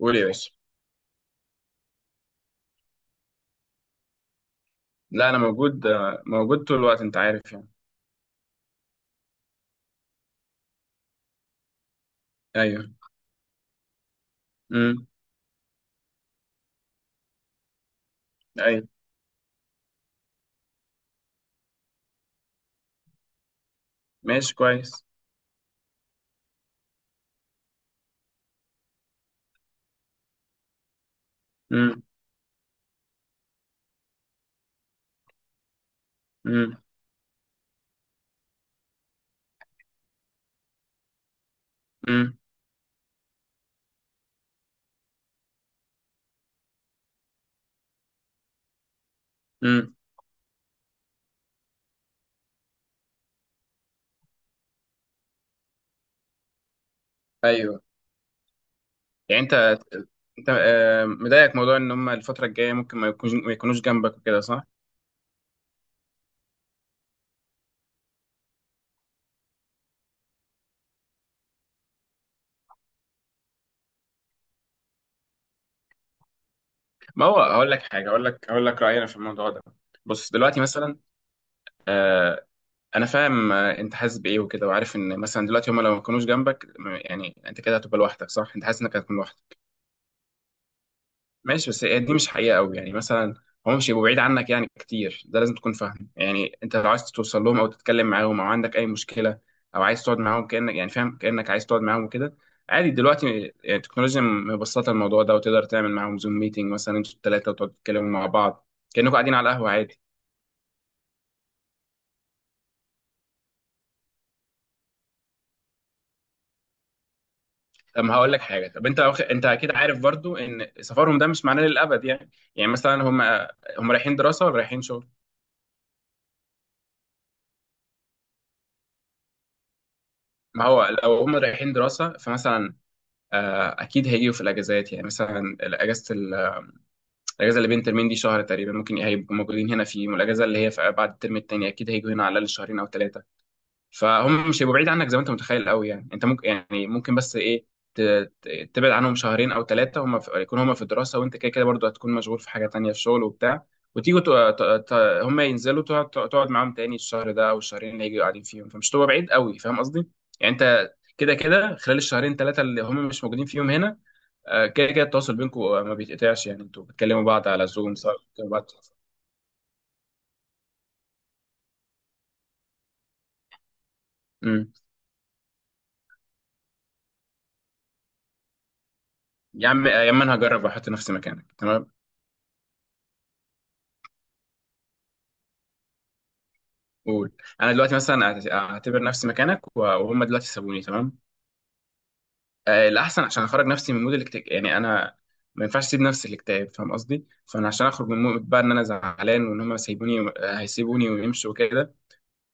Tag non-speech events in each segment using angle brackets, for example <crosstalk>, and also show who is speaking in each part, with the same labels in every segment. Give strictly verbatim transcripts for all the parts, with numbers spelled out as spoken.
Speaker 1: قول يا باشا. لا، انا موجود، آه، موجود طول الوقت انت عارف يعني. ايوه. امم. ايوه، ماشي كويس. امم. امم. امم. امم. ايوه. يعني انت انت آه، مضايقك موضوع ان هم الفتره الجايه ممكن ما يكونوش ما يكونوش جنبك وكده، صح؟ ما هو هقول لك حاجه، هقول لك هقول لك رايي انا في الموضوع ده. بص دلوقتي مثلا، آه، انا فاهم آه، انت حاسس بايه وكده، وعارف ان مثلا دلوقتي هم لو ما يكونوش جنبك، م- يعني انت كده هتبقى لوحدك، صح؟ انت حاسس انك هتكون لوحدك. ماشي، بس هي دي مش حقيقة قوي، يعني مثلا هم مش هيبقوا بعيد عنك يعني كتير، ده لازم تكون فاهم. يعني انت لو عايز توصل لهم او تتكلم معاهم او عندك اي مشكلة او عايز تقعد معاهم كأنك، يعني فاهم، كأنك عايز تقعد معاهم وكده، عادي دلوقتي. يعني التكنولوجيا مبسطة الموضوع ده، وتقدر تعمل معاهم زوم ميتنج مثلا انتوا الثلاثة، وتقعدوا تتكلموا مع بعض كأنكم قاعدين على القهوة عادي. طب ما هقول لك حاجة، طب انت، واخ- انت اكيد عارف برضو ان سفرهم ده مش معناه للأبد يعني. يعني مثلا هم هم رايحين دراسة ولا رايحين شغل؟ ما هو لو هم رايحين دراسة فمثلا آه، اكيد هيجوا في الاجازات، يعني مثلا الاجازه ال- الاجازه اللي بين ترمين دي شهر تقريبا، ممكن هيبقوا موجودين هنا في يوم. الاجازه اللي هي في بعد الترم التاني اكيد هيجوا هنا على الاقل شهرين او ثلاثه. فهم مش هيبقوا بعيد عنك زي ما انت متخيل قوي يعني، انت ممكن، يعني ممكن بس ايه، ت- ت- تبعد عنهم شهرين او ثلاثه، هم في... يكون هم في الدراسه وانت كده كده برضه هتكون مشغول في حاجه تانيه في شغل وبتاع، وتيجوا، ت- ت- ت- هم ينزلوا، تقعد تقعد معاهم تاني الشهر ده او الشهرين اللي هيجوا قاعدين فيهم، فمش تبقى بعيد قوي، فاهم قصدي؟ يعني انت كده كده خلال الشهرين ثلاثه اللي هم مش موجودين فيهم هنا، آه، كده كده التواصل بينكم ما بيتقطعش، يعني انتوا بتكلموا بعض على زوم سواء بتكلموا بعض. امم. يا عم، يا عم انا هجرب واحط نفسي مكانك، تمام. قول. انا دلوقتي مثلا، أعت- اعتبر نفسي مكانك، و- وهم دلوقتي سابوني، تمام. آه، الاحسن عشان اخرج نفسي من مود الاكتئاب، يعني انا ما ينفعش اسيب نفسي الاكتئاب، فاهم قصدي؟ فانا عشان اخرج من مود بقى ان انا زعلان وان هم سايبوني، آه، هيسيبوني ويمشوا وكده،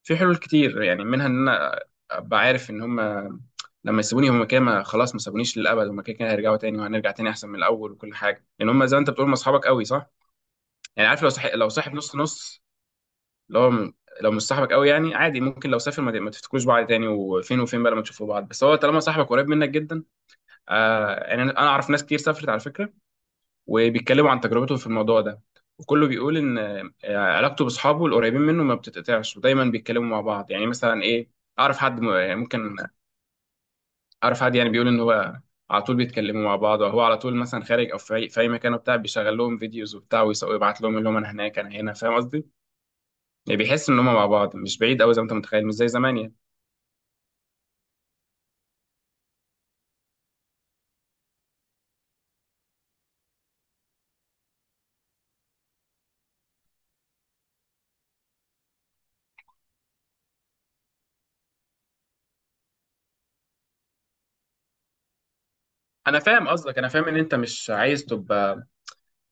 Speaker 1: في حلول كتير، يعني منها ان انا ابقى عارف ان هم لما يسيبوني هم كده، ما- خلاص ما سابونيش للابد، هم كده كده هيرجعوا تاني وهنرجع تاني احسن من الاول وكل حاجه، لان هم زي ما انت بتقول هم اصحابك قوي، صح؟ يعني عارف، لو صح... لو صاحب نص نص، لو م- لو مش صاحبك قوي يعني عادي ممكن لو سافر ما، ت- ما تفتكروش بعض تاني، وفين وفين بقى لما تشوفوا بعض، بس هو طالما صاحبك قريب منك جدا. آه يعني انا أنا اعرف ناس كتير سافرت على فكره، وبيتكلموا عن تجربتهم في الموضوع ده، وكله بيقول ان آه، علاقته باصحابه القريبين منه ما بتتقطعش، ودايما بيتكلموا مع بعض يعني. مثلا ايه، اعرف حد م- آه، ممكن اعرف حد يعني بيقول ان هو على طول بيتكلموا مع بعض، وهو على طول مثلا خارج او في اي في أي مكان وبتاع، بيشغل لهم فيديوز وبتاع، ويس- ويبعت لهم اللي هم انا هناك انا هنا، فاهم قصدي؟ يعني بيحس ان هم مع بعض مش بعيد قوي زي ما انت متخيل، مش زي زمان يعني. انا فاهم قصدك، انا فاهم ان انت مش عايز تبقى،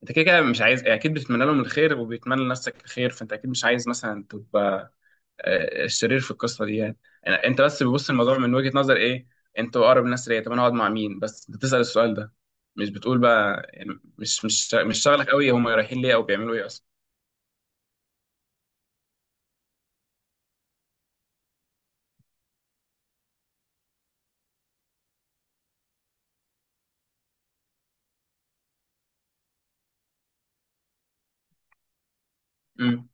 Speaker 1: انت كده كده مش عايز، اكيد بتتمنى لهم الخير وبيتمنى لنفسك الخير، فانت اكيد مش عايز مثلا تبقى آه، الشرير في القصه دي يعني. أنا- انت بس بتبص الموضوع من وجهه نظر ايه، انتوا اقرب الناس ليا، طب انا اقعد مع مين؟ بس انت بتسال السؤال ده، مش بتقول بقى يعني مش مش مش شغلك قوي هم رايحين ليه او بيعملوا ايه اصلا. امم.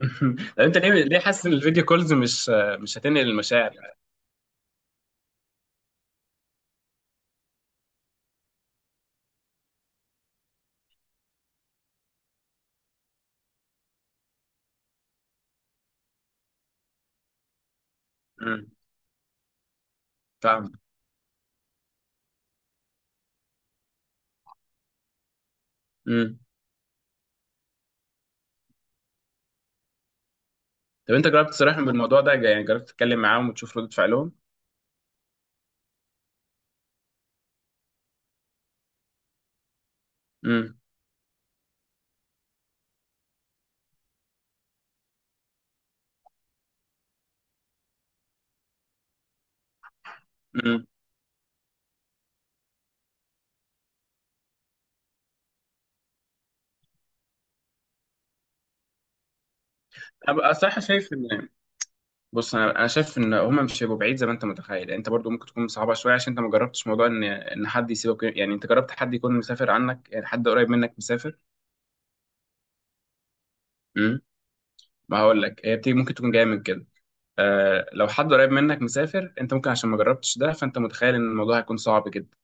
Speaker 1: <laughs> طب انت ليه، ليه حاسس ان الفيديو كولز مش، آه، مش هتنقل المشاعر؟ امم. فاهم. امم. طب انت جربت تصارحهم بالموضوع ده؟ يعني جربت تتكلم معاهم وتشوف ردة فعلهم؟ امم. امم. انا بقى صراحه شايف ان، بص، انا انا شايف ان هما مش هيبقوا بعيد زي ما انت متخيل. انت برضو ممكن تكون صعبه شويه عشان انت ما جربتش موضوع ان ان حد يسيبك، يعني انت جربت حد يكون مسافر عنك؟ يعني حد قريب منك مسافر؟ امم. ما هقول لك، هي بتيجي ممكن تكون جايه من كده. آه لو حد قريب منك مسافر انت ممكن عشان ما جربتش ده، فانت متخيل ان الموضوع هيكون صعب جدا.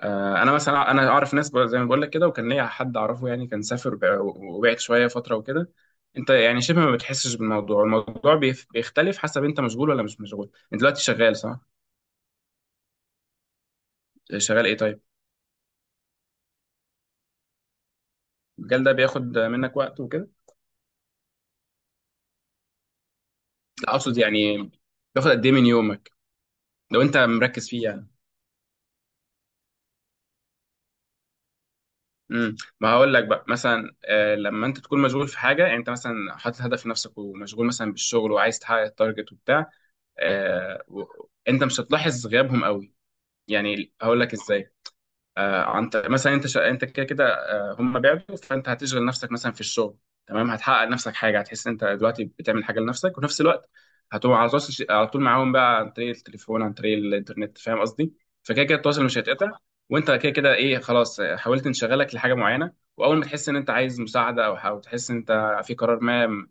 Speaker 1: آه انا مثلا، انا اعرف ناس، ب- زي ما بقول لك كده، وكان ليا حد اعرفه، يعني كان سافر، وبع- وبعد شويه فتره وكده، انت يعني شبه ما بتحسش بالموضوع. الموضوع بيف- بيختلف حسب انت مشغول ولا مش مشغول. انت دلوقتي شغال، صح؟ شغال ايه، طيب؟ المجال ده بياخد منك وقت وكده؟ لا، اقصد يعني بياخد قد ايه من يومك لو انت مركز فيه يعني؟ امم. ما هقول لك بقى مثلا، آه لما انت تكون مشغول في حاجه، يعني انت مثلا حاطط هدف لنفسك ومشغول مثلا بالشغل وعايز تحقق التارجت وبتاع، آه و... انت مش هتلاحظ غيابهم قوي. يعني هقول لك ازاي، آه، انت مثلا انت، شا... انت كده كده، آه، هم بعدوا، فانت هتشغل نفسك مثلا في الشغل، تمام. هتحقق لنفسك حاجه، هتحس ان انت دلوقتي بتعمل حاجه لنفسك، وفي نفس الوقت هتبقى على تواصل، ش- على طول معاهم بقى عن طريق التليفون، عن طريق الانترنت، فاهم قصدي؟ فكده كده التواصل مش هيتقطع. وانت كده كده ايه، خلاص، آه، حاولت انشغلك لحاجه معينه، واول ما تحس ان انت عايز مساعده، او او تحس ان انت في قرار ما،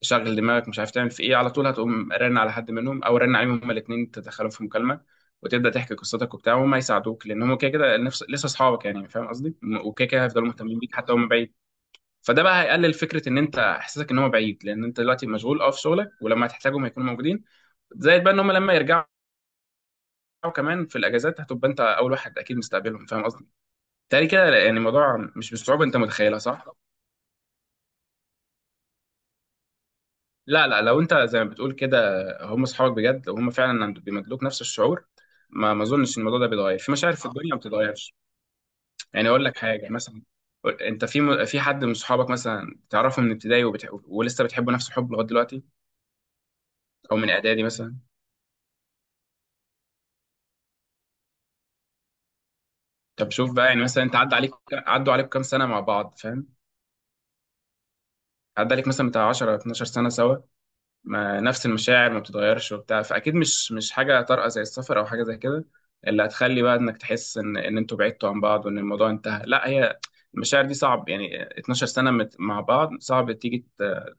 Speaker 1: شغل دماغك مش عارف تعمل في ايه، على طول هتقوم رن على حد منهم او رن عليهم هما الاثنين، تدخلهم في مكالمه وتبدا تحكي قصتك وبتاع، وهم هيساعدوك، لان هم كده كده نفس لسه اصحابك يعني، فاهم قصدي؟ م- وكده كده هيفضلوا مهتمين بيك حتى هم بعيد. فده بقى هيقلل فكره ان انت احساسك ان هم بعيد، لان انت دلوقتي مشغول اه في شغلك، ولما هتحتاجهم هيكونوا موجودين. زائد بقى ان هم لما يرجعوا كمان في الاجازات، هتبقى انت اول واحد اكيد مستقبلهم، فاهم قصدي؟ تالي كده يعني الموضوع مش بالصعوبه انت متخيلها، صح؟ لا لا، لو انت زي ما بتقول كده، هم اصحابك بجد، لو هم فعلا، عند- بيمدلوك نفس الشعور، ما ما اظنش ان الموضوع ده بيتغير في مشاعر في، آه. الدنيا ما بتتغيرش. يعني اقول لك حاجه مثلا، انت في، م- في حد من صحابك مثلا تعرفه من ابتدائي، وبتح... ولسه بتحبه نفس الحب لغايه دلوقتي، او من اعدادي مثلا؟ طب شوف بقى، يعني مثلا انت، عدى عليك عدوا عليك كام سنه مع بعض، فاهم؟ عدى عليك مثلا بتاع عشر اتناشر سنه سوا، ما نفس المشاعر ما بتتغيرش وبتاع، فاكيد مش مش حاجه طارئه زي السفر او حاجه زي كده اللي هتخلي بقى انك تحس ان ان انتوا بعدتوا عن بعض وان الموضوع انتهى، لا. هي المشاعر دي صعب، يعني اتناشر سنة سنه، مت- مع بعض صعب تيجي، ت-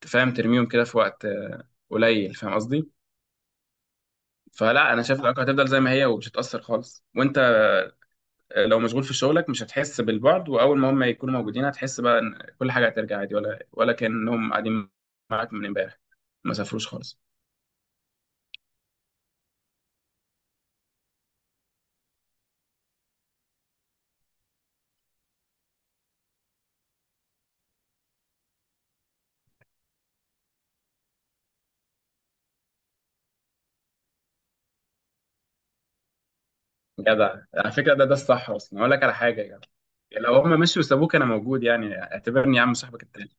Speaker 1: تفهم ترميهم كده في وقت، آه، قليل، فاهم قصدي؟ فلا، انا شايف العلاقه هتفضل زي ما هي ومش هتاثر خالص، وانت، آه، لو مشغول في شغلك مش هتحس بالبعد، واول ما هم يكونوا موجودين هتحس بقى ان كل حاجه هترجع عادي، ولا ولا كانهم قاعدين معاك من امبارح، ما سافروش خالص. جدع، على فكرة، ده ده الصح أصلا. أقول لك على حاجة يا جدع، لو هم مشوا وسابوك أنا موجود يعني، اعتبرني يا عم صاحبك التاني.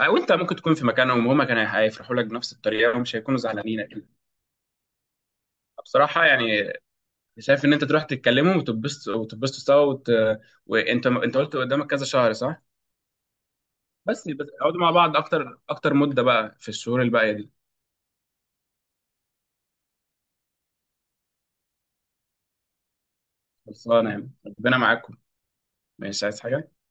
Speaker 1: أو أنت ممكن تكون في مكانهم، وهم كانوا هيفرحوا لك بنفس الطريقة، ومش هيكونوا زعلانين أكيد. بصراحة يعني، شايف إن أنت تروح تتكلموا وتتبسطوا وتتبسطوا سوا وت... وأنت أنت قلت قدامك كذا شهر، صح؟ بس بس اقعدوا مع بعض أكتر أكتر مدة بقى في الشهور الباقية دي. خلصانة يعني. ربنا معاكم. مش عايز حاجة.